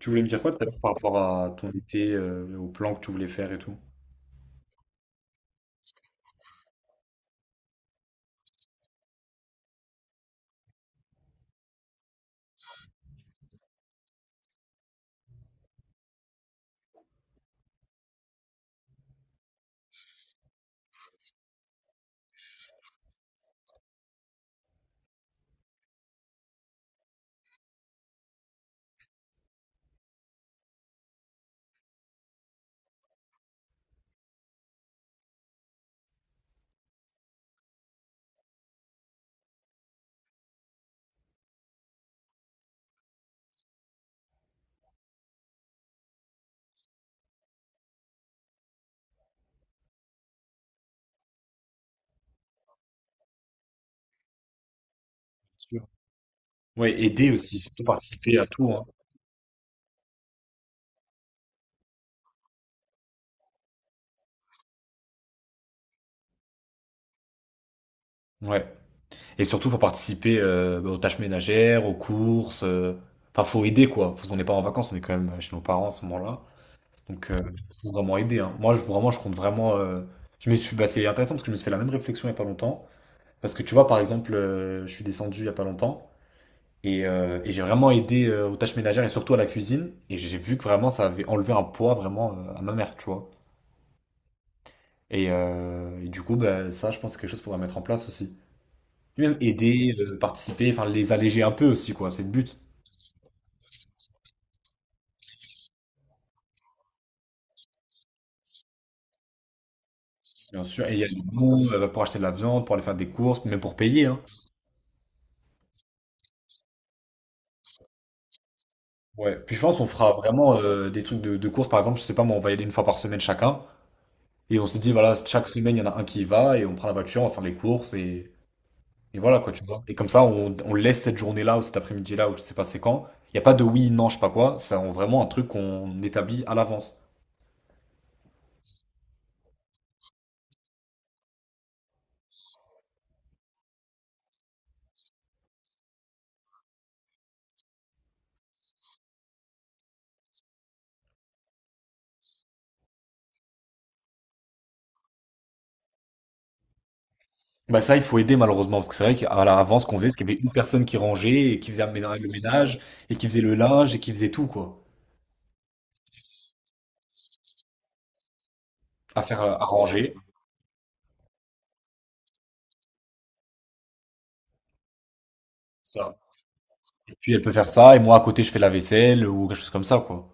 Tu voulais me dire quoi tout à l'heure par rapport à ton été, au plan que tu voulais faire et tout? Sûr. Ouais, aider aussi, surtout participer à tout, hein. Ouais. Et surtout, faut participer aux tâches ménagères, aux courses. Enfin, faut aider, quoi. Parce qu'on n'est pas en vacances, on est quand même chez nos parents à ce moment-là. Donc, faut vraiment aider, hein. Moi, je, vraiment, je compte vraiment. Bah, c'est intéressant parce que je me suis fait la même réflexion il y a pas longtemps. Parce que tu vois, par exemple, je suis descendu il y a pas longtemps. Et j'ai vraiment aidé aux tâches ménagères et surtout à la cuisine. Et j'ai vu que vraiment ça avait enlevé un poids vraiment à ma mère, tu vois. Et du coup, bah, ça, je pense que c'est quelque chose qu'il faudra mettre en place aussi. Lui même aider, participer, enfin les alléger un peu aussi, quoi. C'est le but, bien sûr. Et il y a des bons bah, pour acheter de la viande, pour aller faire des courses, même pour payer, hein. Ouais. Puis je pense qu'on fera vraiment des trucs de courses, par exemple, je sais pas, moi, on va y aller une fois par semaine chacun. Et on se dit, voilà, chaque semaine, il y en a un qui y va et on prend la voiture, on va faire les courses Et voilà, quoi, tu vois. Et comme ça, on laisse cette journée-là ou cet après-midi-là ou je sais pas c'est quand. Il n'y a pas de oui, non, je sais pas quoi. C'est vraiment un truc qu'on établit à l'avance. Bah ça, il faut aider malheureusement, parce que c'est vrai qu'à l'avance, ce qu'on faisait, c'est qu'il y avait une personne qui rangeait et qui faisait le ménage et qui faisait le linge et qui faisait tout, quoi. À faire, à ranger, ça. Et puis elle peut faire ça et moi à côté, je fais la vaisselle ou quelque chose comme ça, quoi.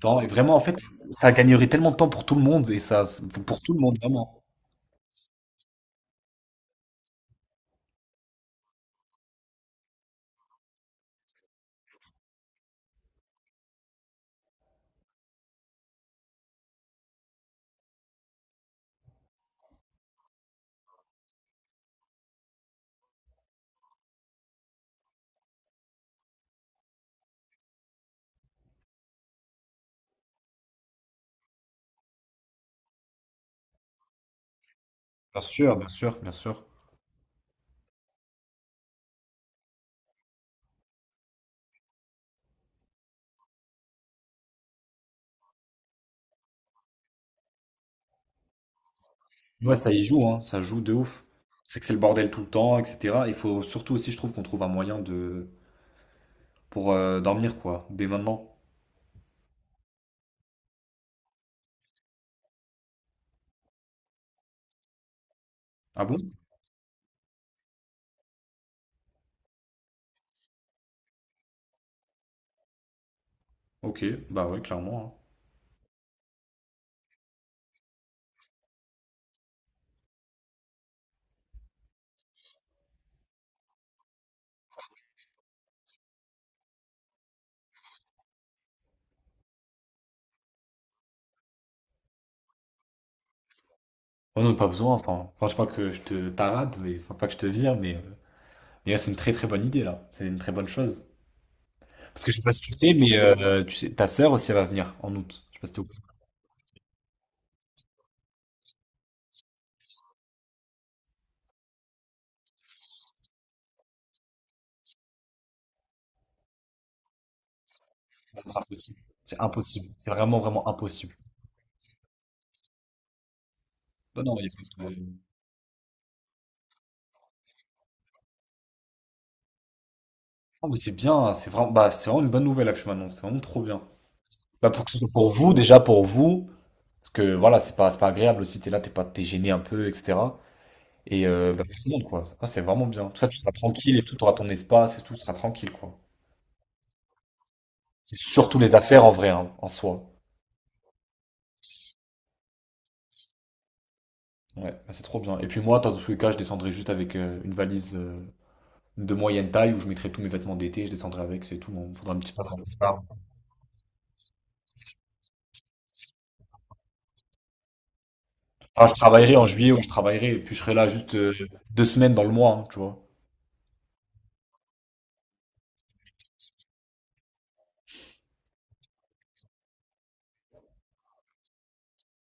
Temps et vraiment, en fait, ça gagnerait tellement de temps pour tout le monde et ça, pour tout le monde, vraiment. Bien sûr, bien sûr, bien sûr. Ouais, ça y joue, hein, ça joue de ouf. C'est que c'est le bordel tout le temps, etc. Il faut surtout aussi, je trouve, qu'on trouve un moyen de pour dormir, quoi, dès maintenant. Ah bon? Ok, bah ouais, clairement, hein. On n'a pas besoin, enfin, je sais pas que je te tarade, mais enfin, pas que je te vire, mais ouais, c'est une très très bonne idée, là. C'est une très bonne chose. Parce que je sais pas si tu sais, mais tu sais, ta sœur aussi, elle va venir en août. Je sais pas si t'es au courant, c'est impossible. C'est impossible. C'est vraiment, vraiment impossible. Bah non, il y a pas de- Ah, mais c'est bien, hein. C'est vraiment, bah, c'est vraiment une bonne nouvelle, là, que je m'annonce. C'est vraiment trop bien. Bah, pour que ce soit pour vous, déjà pour vous, parce que voilà, c'est pas agréable aussi, t'es là, t'es pas, t'es gêné un peu, etc. Et bah, pour tout le monde, quoi. Ça, c'est vraiment bien. Toi, tu seras tranquille et tout, t'auras ton espace et tout, tu seras tranquille, quoi. C'est surtout les affaires en vrai, hein, en soi. Ouais, bah, c'est trop bien. Et puis moi, dans tous les cas, je descendrai juste avec une valise de moyenne taille où je mettrai tous mes vêtements d'été, je descendrai avec, c'est tout. Bon, faudra un petit passe. Ah, je travaillerai en juillet, ouais, je travaillerai, et puis je serai là juste 2 semaines dans le mois, hein, tu vois.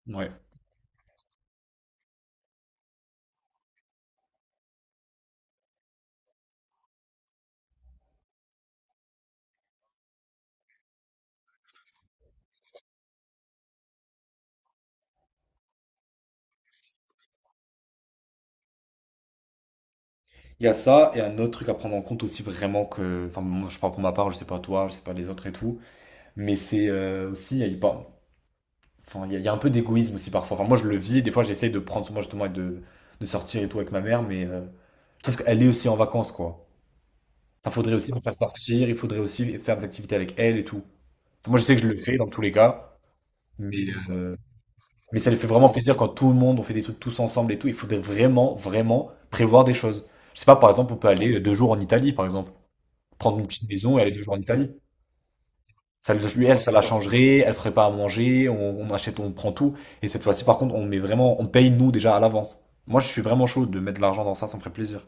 Ouais. Il y a ça, et un autre truc à prendre en compte aussi vraiment que, enfin, moi, je parle pour ma part, je sais pas toi, je sais pas les autres et tout, mais c'est aussi, il y a, il par- enfin, il y a un peu d'égoïsme aussi parfois. Enfin, moi je le vis, des fois j'essaye de prendre soin de moi justement et de sortir et tout avec ma mère, mais je trouve qu'elle est aussi en vacances quoi. Il faudrait aussi la faire sortir, il faudrait aussi faire des activités avec elle et tout. Enfin, moi je sais que je le fais dans tous les cas, mais, euh, mais ça lui fait vraiment plaisir quand tout le monde, on fait des trucs tous ensemble et tout, il faudrait vraiment, vraiment prévoir des choses. Je sais pas, par exemple, on peut aller 2 jours en Italie par exemple. Prendre une petite maison et aller 2 jours en Italie. Ça, lui, elle, ça la changerait, elle ferait pas à manger, on achète, on prend tout. Et cette fois-ci, par contre, on met vraiment, on paye nous déjà à l'avance. Moi, je suis vraiment chaud de mettre de l'argent dans ça, ça me ferait plaisir.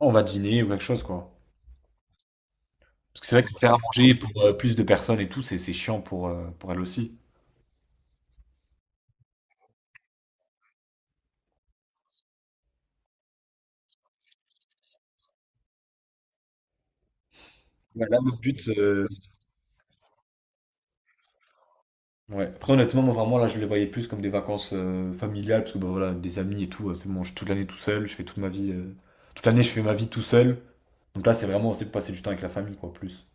On va dîner ou quelque chose, quoi. Parce que c'est vrai que faire à manger pour plus de personnes et tout, c'est chiant pour elle aussi. Ouais, là, le but, ouais. Après, honnêtement, moi, vraiment, là, je les voyais plus comme des vacances familiales, parce que, bah, voilà, des amis et tout, c'est bon, je suis toute l'année tout seul, je fais toute ma vie, toute l'année, je fais ma vie tout seul. Donc là, c'est vraiment aussi pour passer du temps avec la famille, quoi, plus.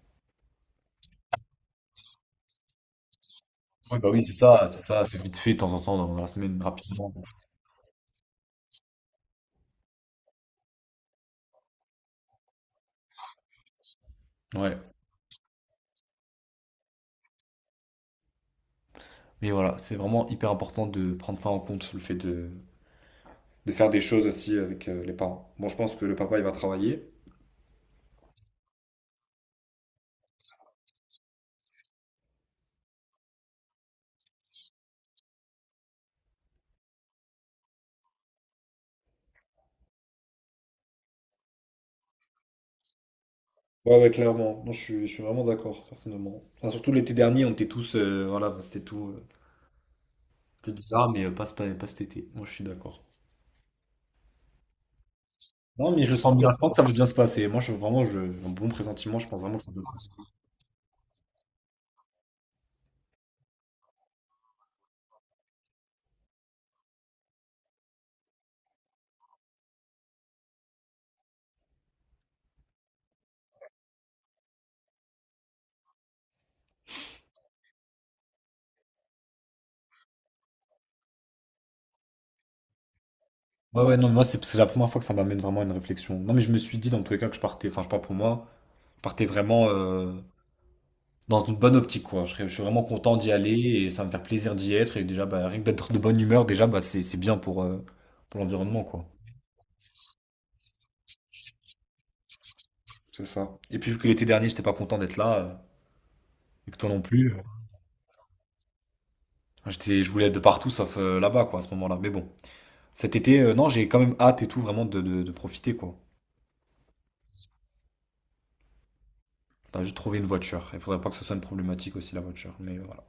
Oui, bah oui, c'est ça, c'est ça, c'est vite fait de temps en temps dans la semaine, rapidement. Ouais. Mais voilà, c'est vraiment hyper important de prendre ça en compte, le fait de faire des choses aussi avec les parents. Bon, je pense que le papa, il va travailler. Ouais, ouais, clairement. Non, je suis vraiment d'accord, personnellement. Enfin, surtout l'été dernier, on était tous. Voilà, bah, c'était tout. C'était bizarre, mais pas cet, pas cet été. Moi, je suis d'accord. Non, mais je le sens bien. Je pense que ça va bien se passer. Moi, je, vraiment, je, un bon pressentiment, je pense vraiment que ça peut passer. Ouais, ouais, non, moi, c'est la première fois que ça m'amène vraiment à une réflexion. Non, mais je me suis dit, dans tous les cas, que je partais. Enfin, je sais pas pour moi. Partez vraiment dans une bonne optique, quoi. Je suis vraiment content d'y aller et ça va me faire plaisir d'y être. Et déjà, bah, rien que d'être de bonne humeur, déjà, bah, c'est bien pour l'environnement, quoi. C'est ça. Et puis, vu que l'été dernier, j'étais pas content d'être là, et que toi non plus, j'étais, je voulais être de partout sauf là-bas, quoi, à ce moment-là. Mais bon, cet été, non, j'ai quand même hâte et tout, vraiment, de profiter, quoi. T'as juste trouvé une voiture. Il faudrait pas que ce soit une problématique aussi, la voiture. Mais voilà.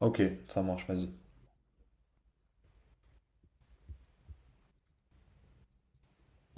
Ok, ça marche, vas-y.